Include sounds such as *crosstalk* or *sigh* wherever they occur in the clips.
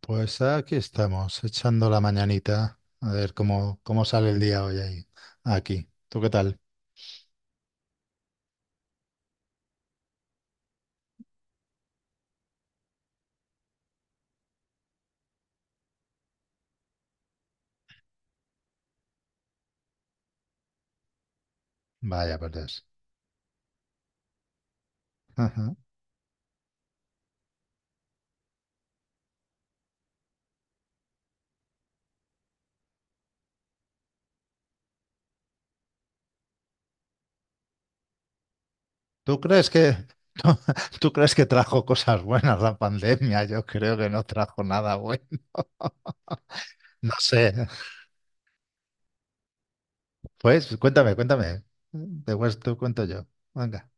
Pues aquí estamos, echando la mañanita. A ver cómo sale el día hoy ahí, aquí. ¿Tú qué tal? Vaya, perdes. Ajá. ¿Tú crees que, *laughs* tú, crees que trajo cosas buenas la pandemia? Yo creo que no trajo nada bueno. *laughs* No sé. Pues cuéntame, cuéntame. Después te cuento yo. Venga.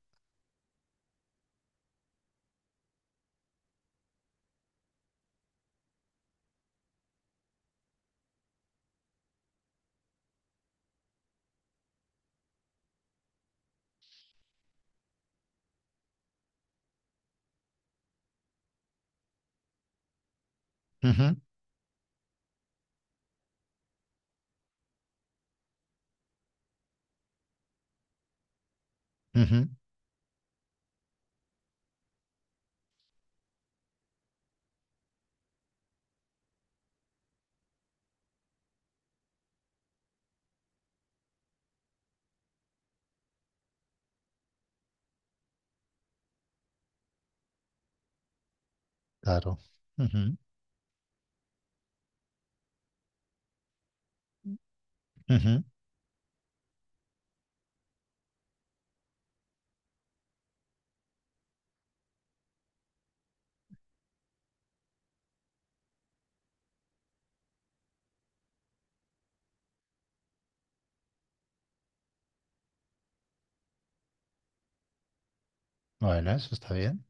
Ujú, ujú. Claro. Ujú, ujú. Bueno, eso está bien.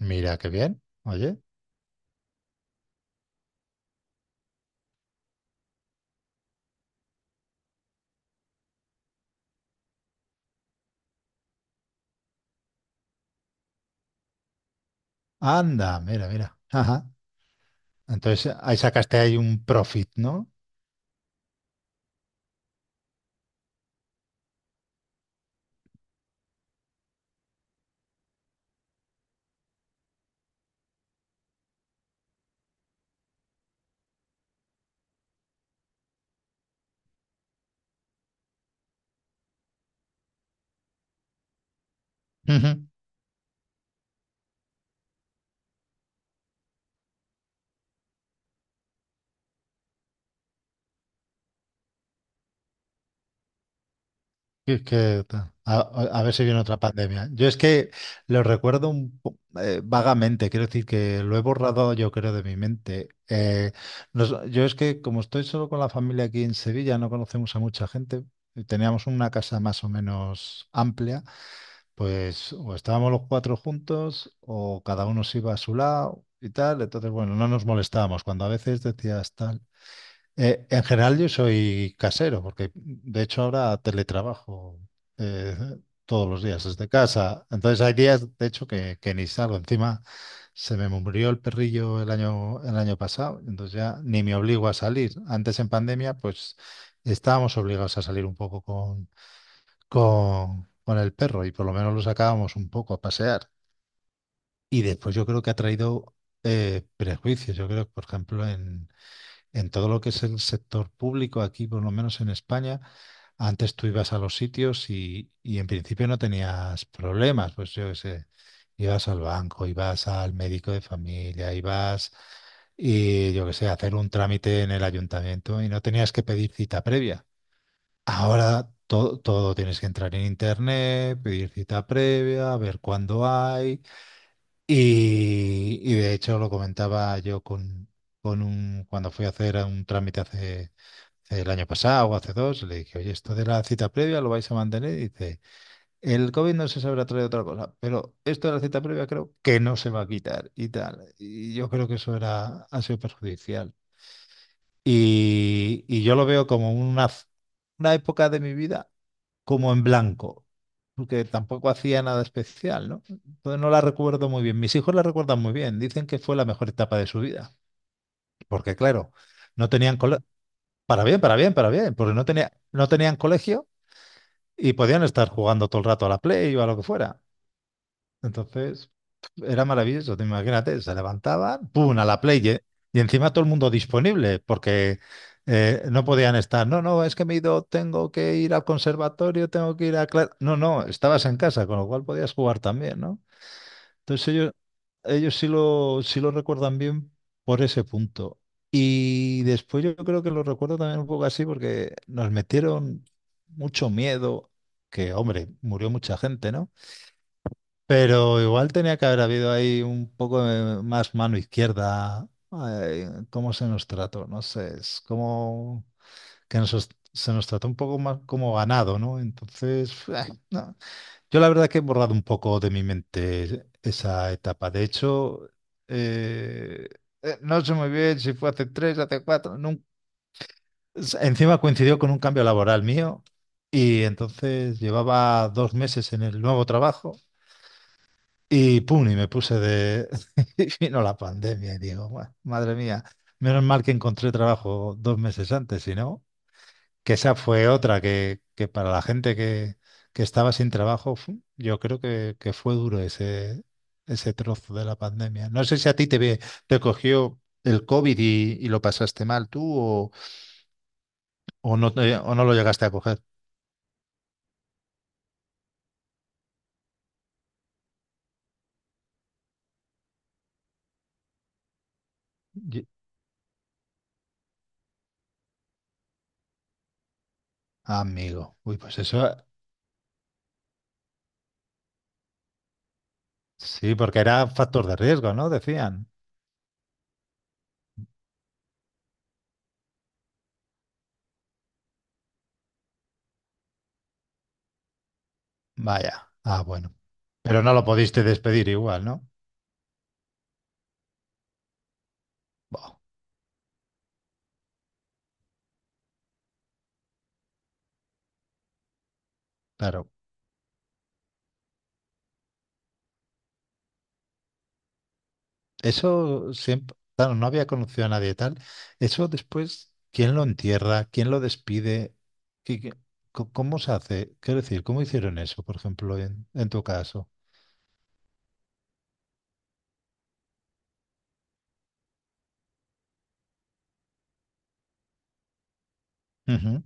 Mira, qué bien. Oye. Anda, mira, mira. Ajá. Entonces ahí sacaste ahí un profit, ¿no? Ujú. Y es que a ver si viene otra pandemia. Yo es que lo recuerdo vagamente, quiero decir que lo he borrado yo creo de mi mente. Yo es que como estoy solo con la familia aquí en Sevilla, no conocemos a mucha gente, y teníamos una casa más o menos amplia, pues o estábamos los cuatro juntos o cada uno se iba a su lado y tal, entonces bueno, no nos molestábamos. Cuando a veces decías tal. En general yo soy casero, porque de hecho ahora teletrabajo eh, todos los días desde casa. Entonces hay días, de hecho, que ni salgo. Encima se me murió el perrillo el año pasado, entonces ya ni me obligo a salir. Antes en pandemia, pues estábamos obligados a salir un poco con el perro y por lo menos lo sacábamos un poco a pasear. Y después yo creo que ha traído prejuicios. Yo creo, que, por ejemplo, en todo lo que es el sector público, aquí por lo menos en España, antes tú ibas a los sitios y en principio no tenías problemas, pues yo qué sé, ibas al banco, ibas al médico de familia, ibas, y yo qué sé, a hacer un trámite en el ayuntamiento y no tenías que pedir cita previa. Ahora todo tienes que entrar en internet, pedir cita previa, ver cuándo hay, y de hecho lo comentaba yo cuando fui a hacer un trámite hace el año pasado o hace dos, le dije, oye, esto de la cita previa lo vais a mantener. Y dice, el COVID no se sabrá traer otra cosa, pero esto de la cita previa creo que no se va a quitar y tal. Y yo creo que eso era, ha sido perjudicial. Y yo lo veo como una época de mi vida como en blanco, porque tampoco hacía nada especial, ¿no? Entonces no la recuerdo muy bien. Mis hijos la recuerdan muy bien, dicen que fue la mejor etapa de su vida, porque claro, no tenían cole- para bien, para bien, para bien, porque no tenían colegio y podían estar jugando todo el rato a la Play o a lo que fuera. Entonces, era maravilloso. Te imagínate, se levantaban, ¡pum!, a la play. ¿Eh? Y encima todo el mundo disponible, porque no podían estar. No, no, es que me he ido, tengo que ir al conservatorio, tengo que ir a clase. No, no, estabas en casa, con lo cual podías jugar también, ¿no? Entonces ellos sí lo recuerdan bien por ese punto. Y después yo creo que lo recuerdo también un poco así, porque nos metieron mucho miedo, que, hombre, murió mucha gente, ¿no? Pero igual tenía que haber habido ahí un poco de más mano izquierda. Ay, ¿cómo se nos trató? No sé, es como que nos, se nos trató un poco más como ganado, ¿no? Entonces, *laughs* no. Yo la verdad que he borrado un poco de mi mente esa etapa. De hecho, eh, no sé muy bien si fue hace tres, hace cuatro. Encima coincidió con un cambio laboral mío y entonces llevaba 2 meses en el nuevo trabajo. Y pum, y me puse de... *laughs* y vino la pandemia y digo: "Buah, madre mía, menos mal que encontré trabajo 2 meses antes, si no, que esa fue otra que, para la gente que, estaba sin trabajo, fu, yo creo que fue duro ese, ese trozo de la pandemia. No sé si a ti te cogió el COVID y lo pasaste mal tú o, o no lo llegaste a coger. Ye- Amigo, uy, pues eso, sí, porque era factor de riesgo, ¿no? Decían. Vaya. Ah, bueno. Pero no lo pudiste despedir igual, ¿no? Buah, claro. Eso siempre, claro, no había conocido a nadie tal. Eso después, ¿quién lo entierra? ¿Quién lo despide? ¿Qué- qué- cómo se hace? Quiero decir, ¿cómo hicieron eso, por ejemplo, en tu caso? Ujú.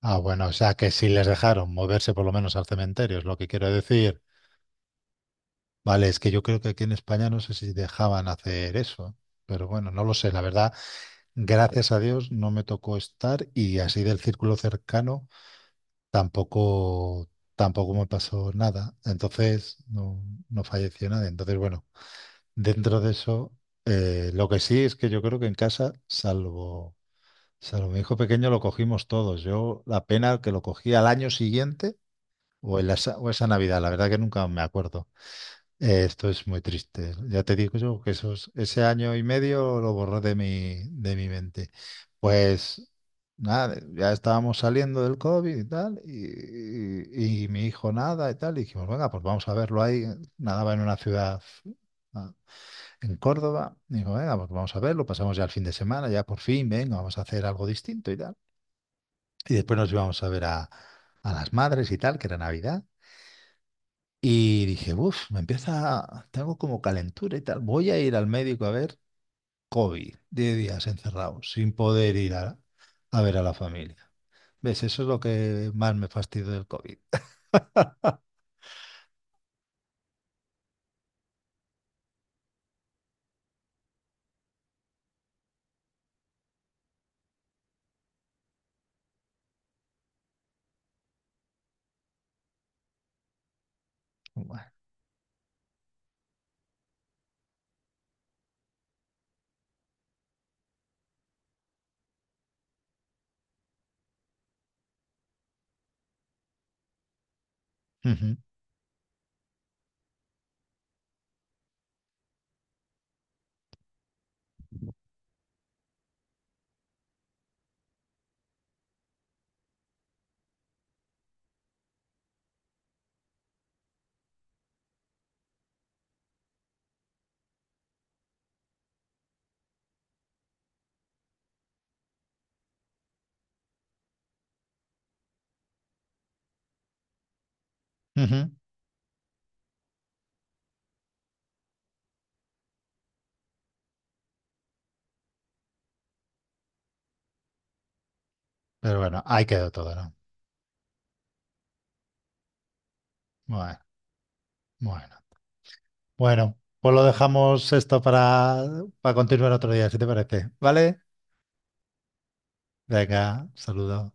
Ah, bueno, o sea que si les dejaron moverse por lo menos al cementerio, es lo que quiero decir. Vale, es que yo creo que aquí en España no sé si dejaban hacer eso, pero bueno, no lo sé, la verdad. Gracias a Dios no me tocó estar y así del círculo cercano tampoco, tampoco me pasó nada. Entonces no, no falleció nadie. Entonces, bueno, dentro de eso, lo que sí es que yo creo que en casa, salvo mi hijo pequeño, lo cogimos todos. Yo la pena que lo cogí al año siguiente o, en la esa, o esa Navidad, la verdad que nunca me acuerdo. Esto es muy triste. Ya te digo yo que esos, ese año y medio lo borré de de mi mente. Pues nada, ya estábamos saliendo del COVID y tal, y mi hijo nada y tal. Y dijimos, venga, pues vamos a verlo ahí. Nadaba en una ciudad ah, en Córdoba. Y dijo, venga, pues vamos a verlo. Pasamos ya el fin de semana, ya por fin, venga, vamos a hacer algo distinto y tal. Y después nos íbamos a ver a las madres y tal, que era Navidad. Y dije, uff, me empieza, tengo como calentura y tal. Voy a ir al médico a ver. COVID, 10 días encerrados, sin poder ir a ver a la familia. ¿Ves? Eso es lo que más me fastidió del COVID. Bueno, ujú, ujú. Pero bueno, ahí quedó todo, ¿no? Bueno, bueno. Bueno, pues lo dejamos esto para continuar otro día, si te parece. ¿Vale? Venga, saludos.